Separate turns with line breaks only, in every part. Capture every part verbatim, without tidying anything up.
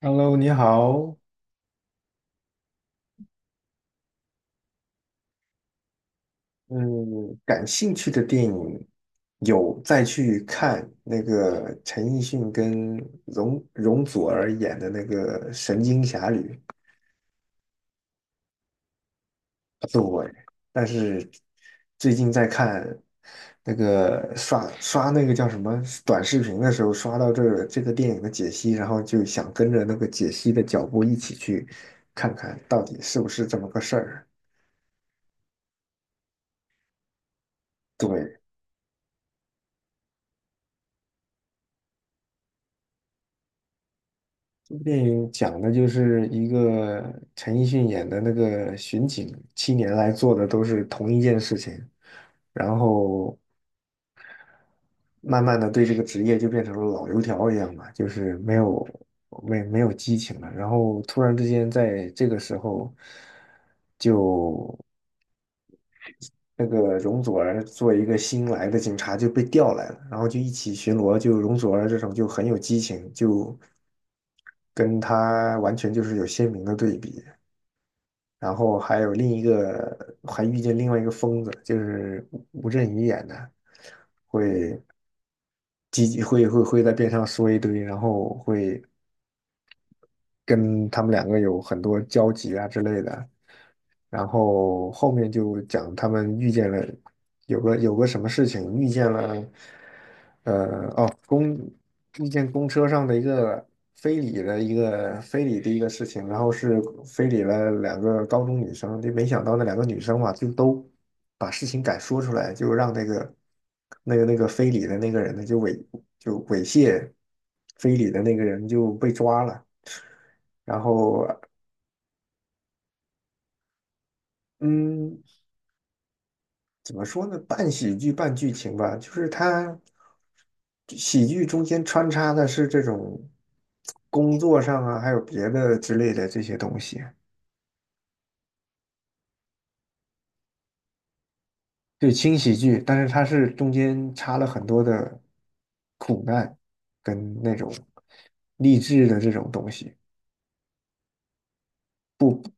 Hello，你好。嗯，感兴趣的电影有再去看那个陈奕迅跟容容祖儿演的那个《神经侠侣》，对。但是最近在看那个刷刷那个叫什么短视频的时候，刷到这个这个电影的解析，然后就想跟着那个解析的脚步一起去看看到底是不是这么个事儿。对，这部电影讲的就是一个陈奕迅演的那个巡警，七年来做的都是同一件事情，然后慢慢的对这个职业就变成了老油条一样嘛，就是没有没没有激情了。然后突然之间在这个时候，就那个容祖儿做一个新来的警察就被调来了，然后就一起巡逻，就容祖儿这种就很有激情，就跟他完全就是有鲜明的对比。然后还有另一个还遇见另外一个疯子，就是吴吴镇宇演的，叽叽会会会在边上说一堆，然后会跟他们两个有很多交集啊之类的。然后后面就讲他们遇见了有个有个什么事情，遇见了。遇见公车上的一个非礼的一个非礼的一个事情，然后是非礼了两个高中女生，就没想到那两个女生嘛，就都把事情敢说出来，就让那个那个那个非礼的那个人呢，就猥就猥亵非礼的那个人就被抓了，然后嗯，怎么说呢？半喜剧半剧情吧，就是它喜剧中间穿插的是这种工作上啊，还有别的之类的这些东西，对，轻喜剧，但是它是中间插了很多的苦难跟那种励志的这种东西，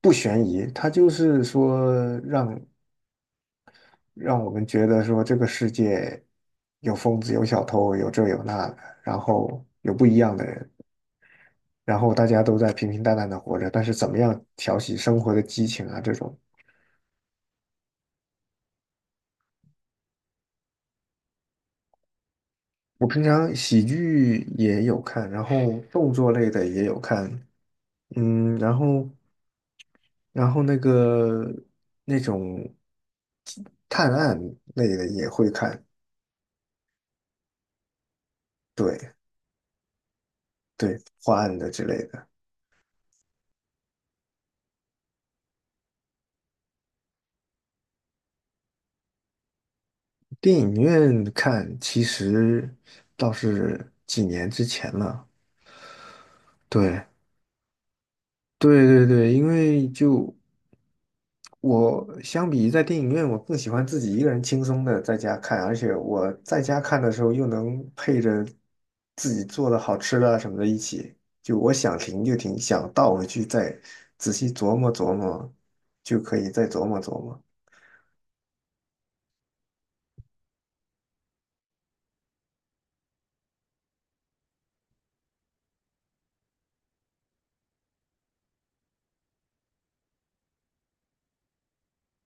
不悬疑，它就是说让让我们觉得说这个世界有疯子，有小偷，有这有那的，然后有不一样的人。然后大家都在平平淡淡的活着，但是怎么样挑起生活的激情啊？这种，我平常喜剧也有看，然后动作类的也有看，嗯，然后然后那个那种探案类的也会看，对对，破案的之类的。电影院看其实倒是几年之前了，对。对对对，因为就我相比在电影院，我更喜欢自己一个人轻松的在家看，而且我在家看的时候又能配着自己做的好吃的啊什么的一起，就我想停就停，想倒回去再仔细琢磨琢磨，就可以再琢磨琢磨。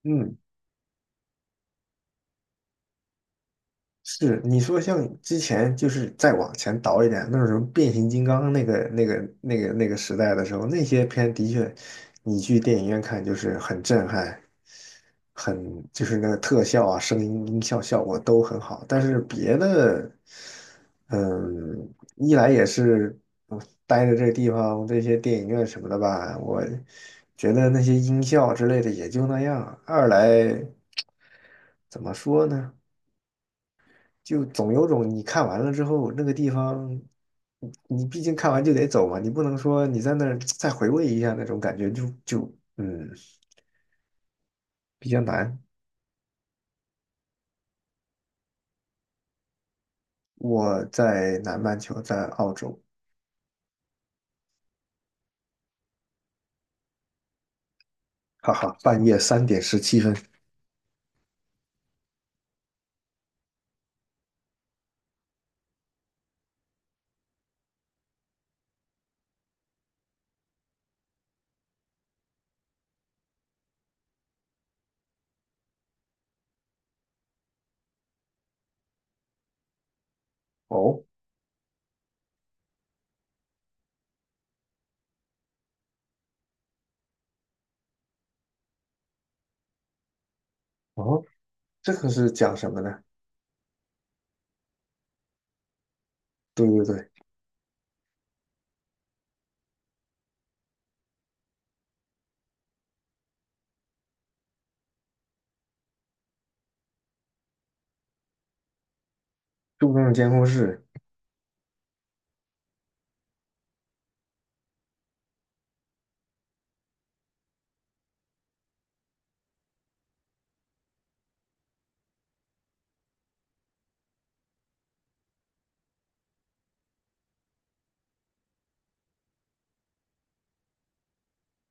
嗯。是你说像之前就是再往前倒一点，那种什么变形金刚那个那个那个那个时代的时候，那些片的确，你去电影院看就是很震撼，很就是那个特效啊、声音音效效果都很好。但是别的，嗯，一来也是我待着这个地方这些电影院什么的吧，我觉得那些音效之类的也就那样；二来怎么说呢？就总有种你看完了之后那个地方，你你毕竟看完就得走嘛，你不能说你在那儿再回味一下那种感觉就，就嗯比较难。我在南半球，在澳洲，哈哈，半夜三点十七分。哦哦，这个是讲什么呢？对对对，重症监控室，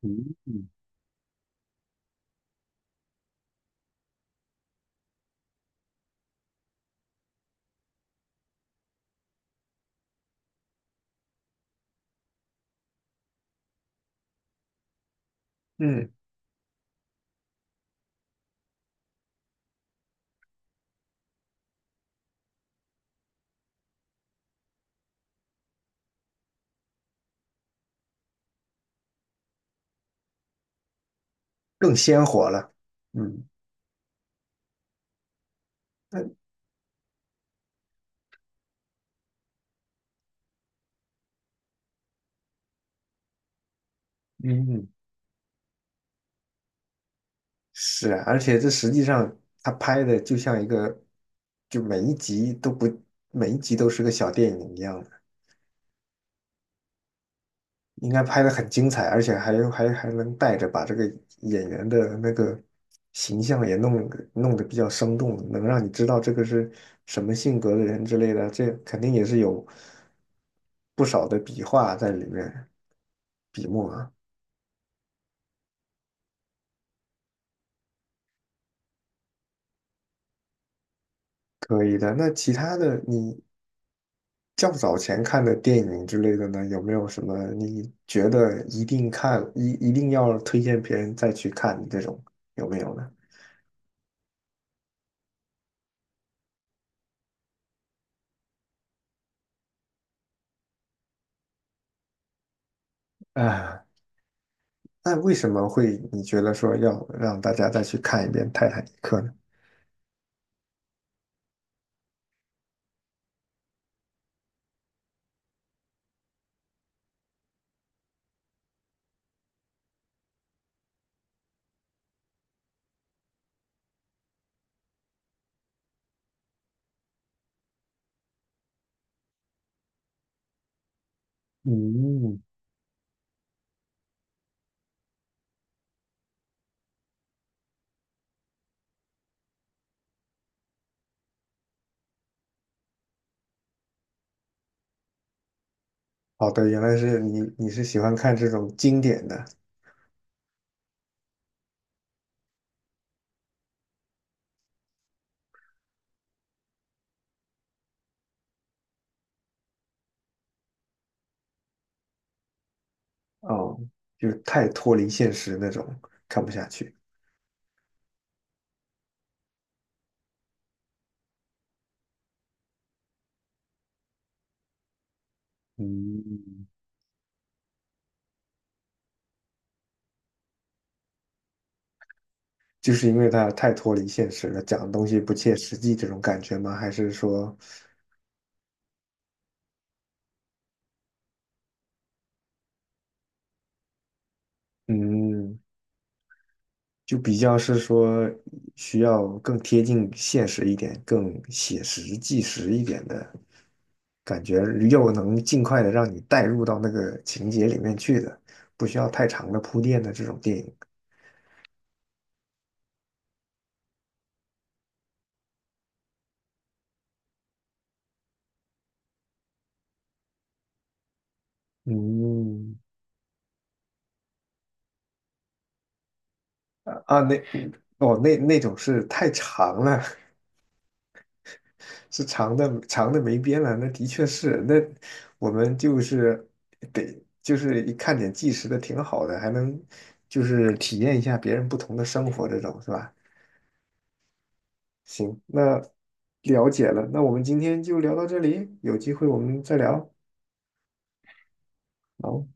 嗯嗯，更鲜活了。嗯，那嗯。嗯是啊，而且这实际上他拍的就像一个，就每一集都不，每一集都是个小电影一样的，应该拍的很精彩，而且还还还能带着把这个演员的那个形象也弄弄得比较生动，能让你知道这个是什么性格的人之类的，这肯定也是有不少的笔画在里面，笔墨啊，可以的。那其他的你较早前看的电影之类的呢，有没有什么你觉得一定看，一一定要推荐别人再去看的这种，有没有呢？啊，那为什么会你觉得说要让大家再去看一遍《泰坦尼克》呢？嗯，好的，原来是你，你是喜欢看这种经典的哦，就是太脱离现实那种，看不下去。嗯，就是因为它太脱离现实了，讲的东西不切实际这种感觉吗？还是说，嗯？就比较是说需要更贴近现实一点、更写实纪实一点的感觉，又能尽快的让你带入到那个情节里面去的，不需要太长的铺垫的这种电影。嗯，啊，那哦，那那种是太长了，是长的长的没边了。那的确是，那我们就是得就是一看点纪实的挺好的，还能就是体验一下别人不同的生活，这种是吧？行，那了解了，那我们今天就聊到这里，有机会我们再聊。好。